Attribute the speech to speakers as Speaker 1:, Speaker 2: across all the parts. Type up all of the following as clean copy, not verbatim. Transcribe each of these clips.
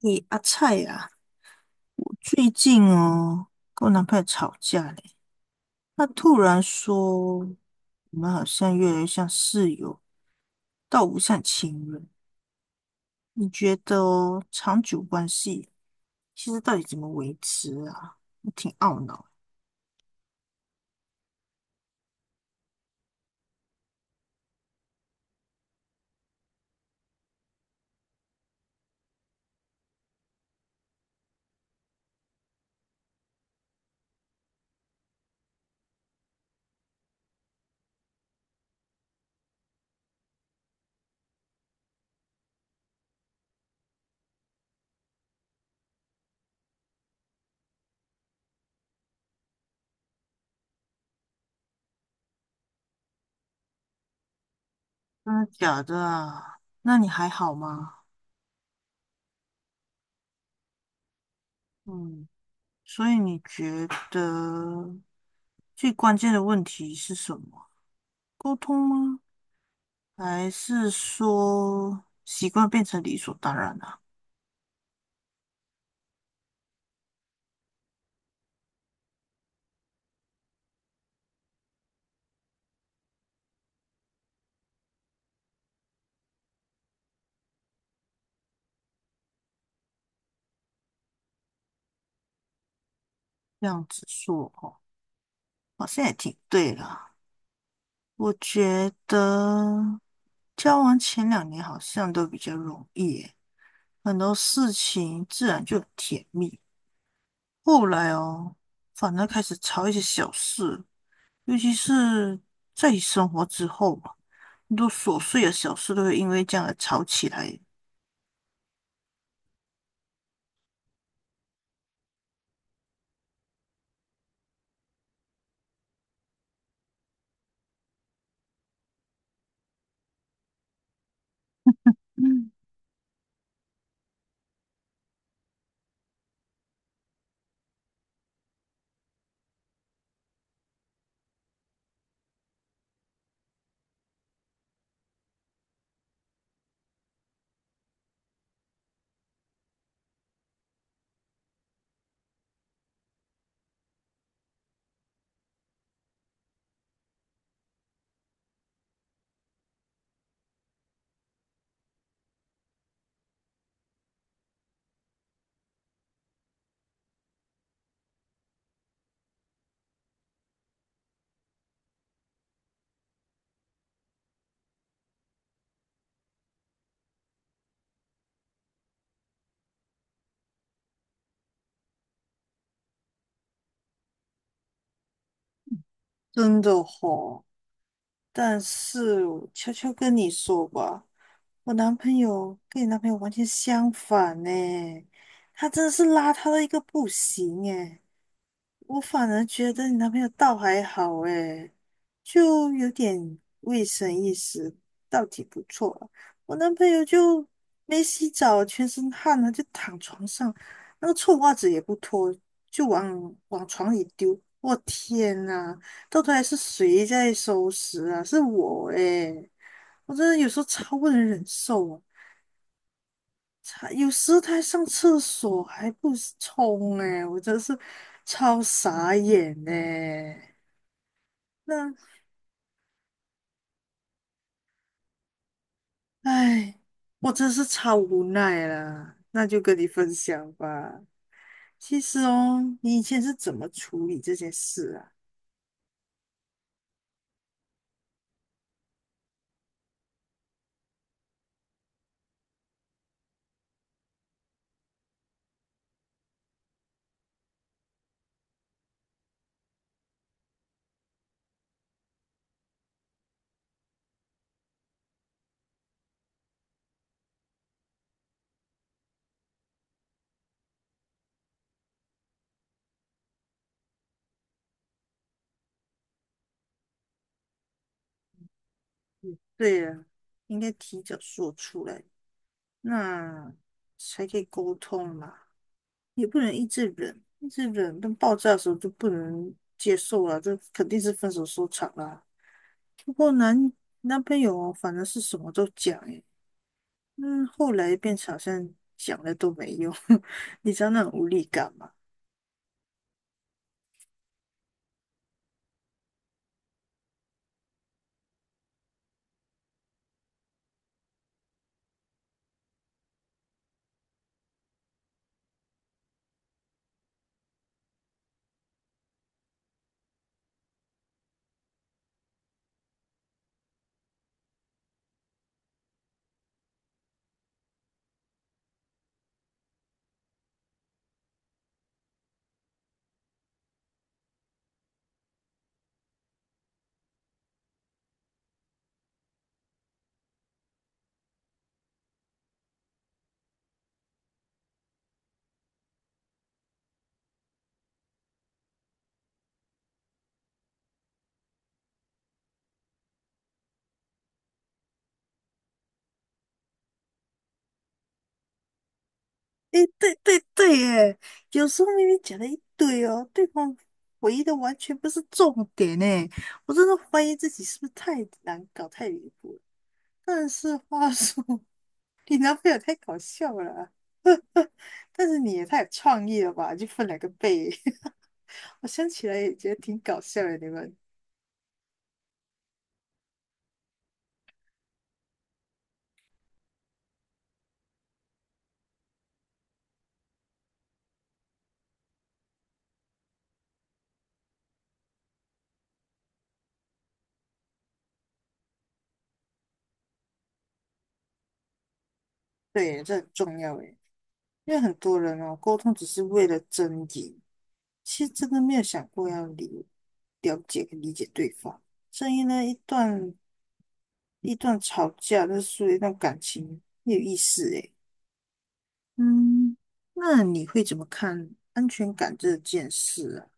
Speaker 1: 你阿菜呀、我最近哦跟我男朋友吵架嘞，他突然说我们好像越来越像室友，倒不像情人。你觉得哦长久关系其实到底怎么维持啊？我挺懊恼。真的假的啊？那你还好吗？嗯，所以你觉得最关键的问题是什么？沟通吗？还是说习惯变成理所当然了？这样子说哦，好像也挺对啦。我觉得交往前两年好像都比较容易耶，很多事情自然就很甜蜜。后来哦，反而开始吵一些小事，尤其是在一起生活之后嘛，很多琐碎的小事都会因为这样而吵起来。嗯，真的吼、但是我悄悄跟你说吧。我男朋友跟你男朋友完全相反呢，他真的是邋遢到一个不行诶，我反而觉得你男朋友倒还好诶，就有点卫生意识，倒挺不错了。我男朋友就没洗澡，全身汗了就躺床上，那个臭袜子也不脱，就往往床里丢。我天呐，到头来是谁在收拾啊？是我诶，我真的有时候超不能忍受啊。他有时他上厕所还不冲哎、我真是超傻眼呢。那哎，我真是超无奈啦。那就跟你分享吧。其实哦，你以前是怎么处理这件事啊？嗯，对啊，应该提早说出来，那才可以沟通嘛。也不能一直忍，一直忍，等爆炸的时候就不能接受了，这肯定是分手收场啦。不过男那边有，反正是什么都讲诶。嗯，后来变成好像讲了都没用，你知道那种无力感吗？诶，对对对，耶，有时候明明讲了一堆哦，对方回忆的完全不是重点诶，我真的怀疑自己是不是太难搞、太离谱了。但是话说，你男朋友太搞笑了啊，但是你也太有创意了吧，就分两个背，我想起来也觉得挺搞笑的，你们。对，这很重要诶。因为很多人哦，沟通只是为了争赢，其实真的没有想过要了解跟理解对方。所以呢，一段吵架，那是一段感情，没有意思诶。嗯，那你会怎么看安全感这件事啊？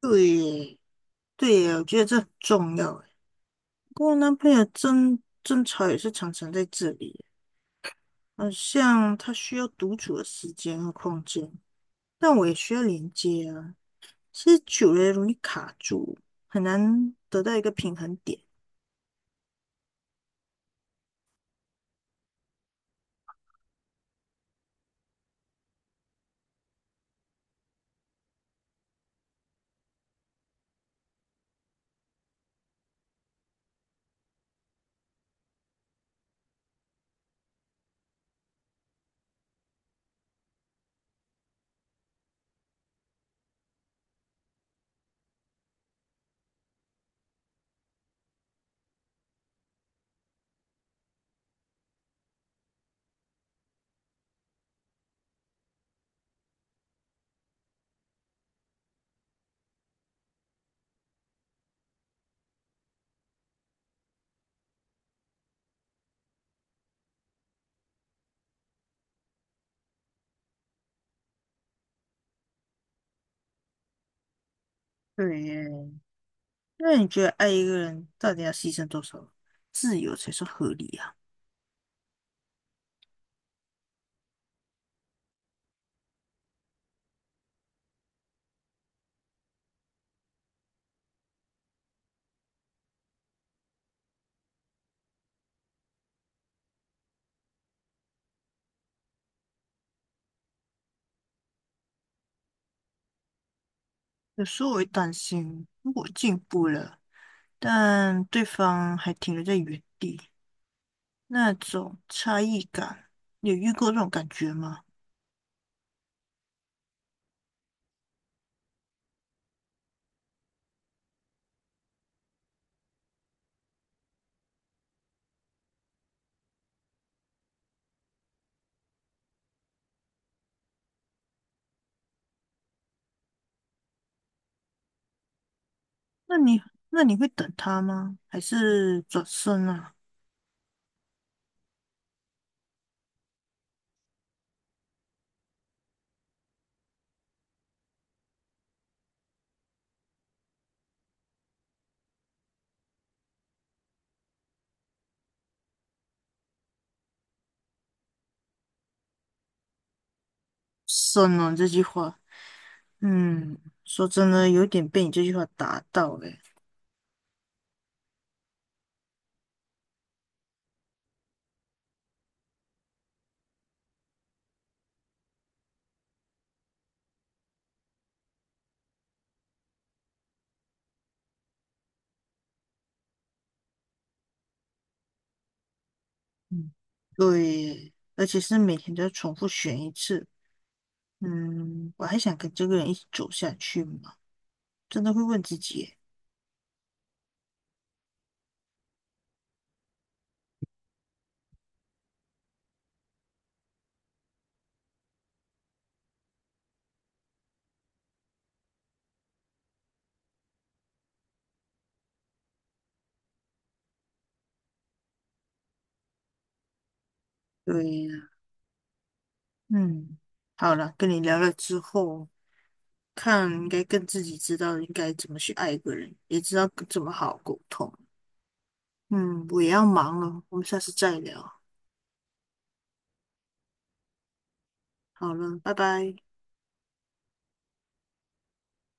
Speaker 1: 对耶，对耶，我觉得这很重要诶。跟我男朋友争吵也是常常在这里耶，好像他需要独处的时间和空间，但我也需要连接啊。其实久了容易卡住，很难得到一个平衡点。对耶，那你觉得爱一个人到底要牺牲多少自由才算合理啊？有时候我会担心，如果进步了，但对方还停留在原地，那种差异感，你有遇过这种感觉吗？那你那你会等他吗？还是转身啊？身啊，这句话，嗯，说真的，有点被你这句话打到诶。嗯，对，而且是每天都要重复选一次。嗯，我还想跟这个人一起走下去嘛？真的会问自己耶。对呀，嗯，好了，跟你聊了之后，看应该更自己知道应该怎么去爱一个人，也知道怎么好好沟通。嗯，我也要忙了，我们下次再聊。好了，拜拜。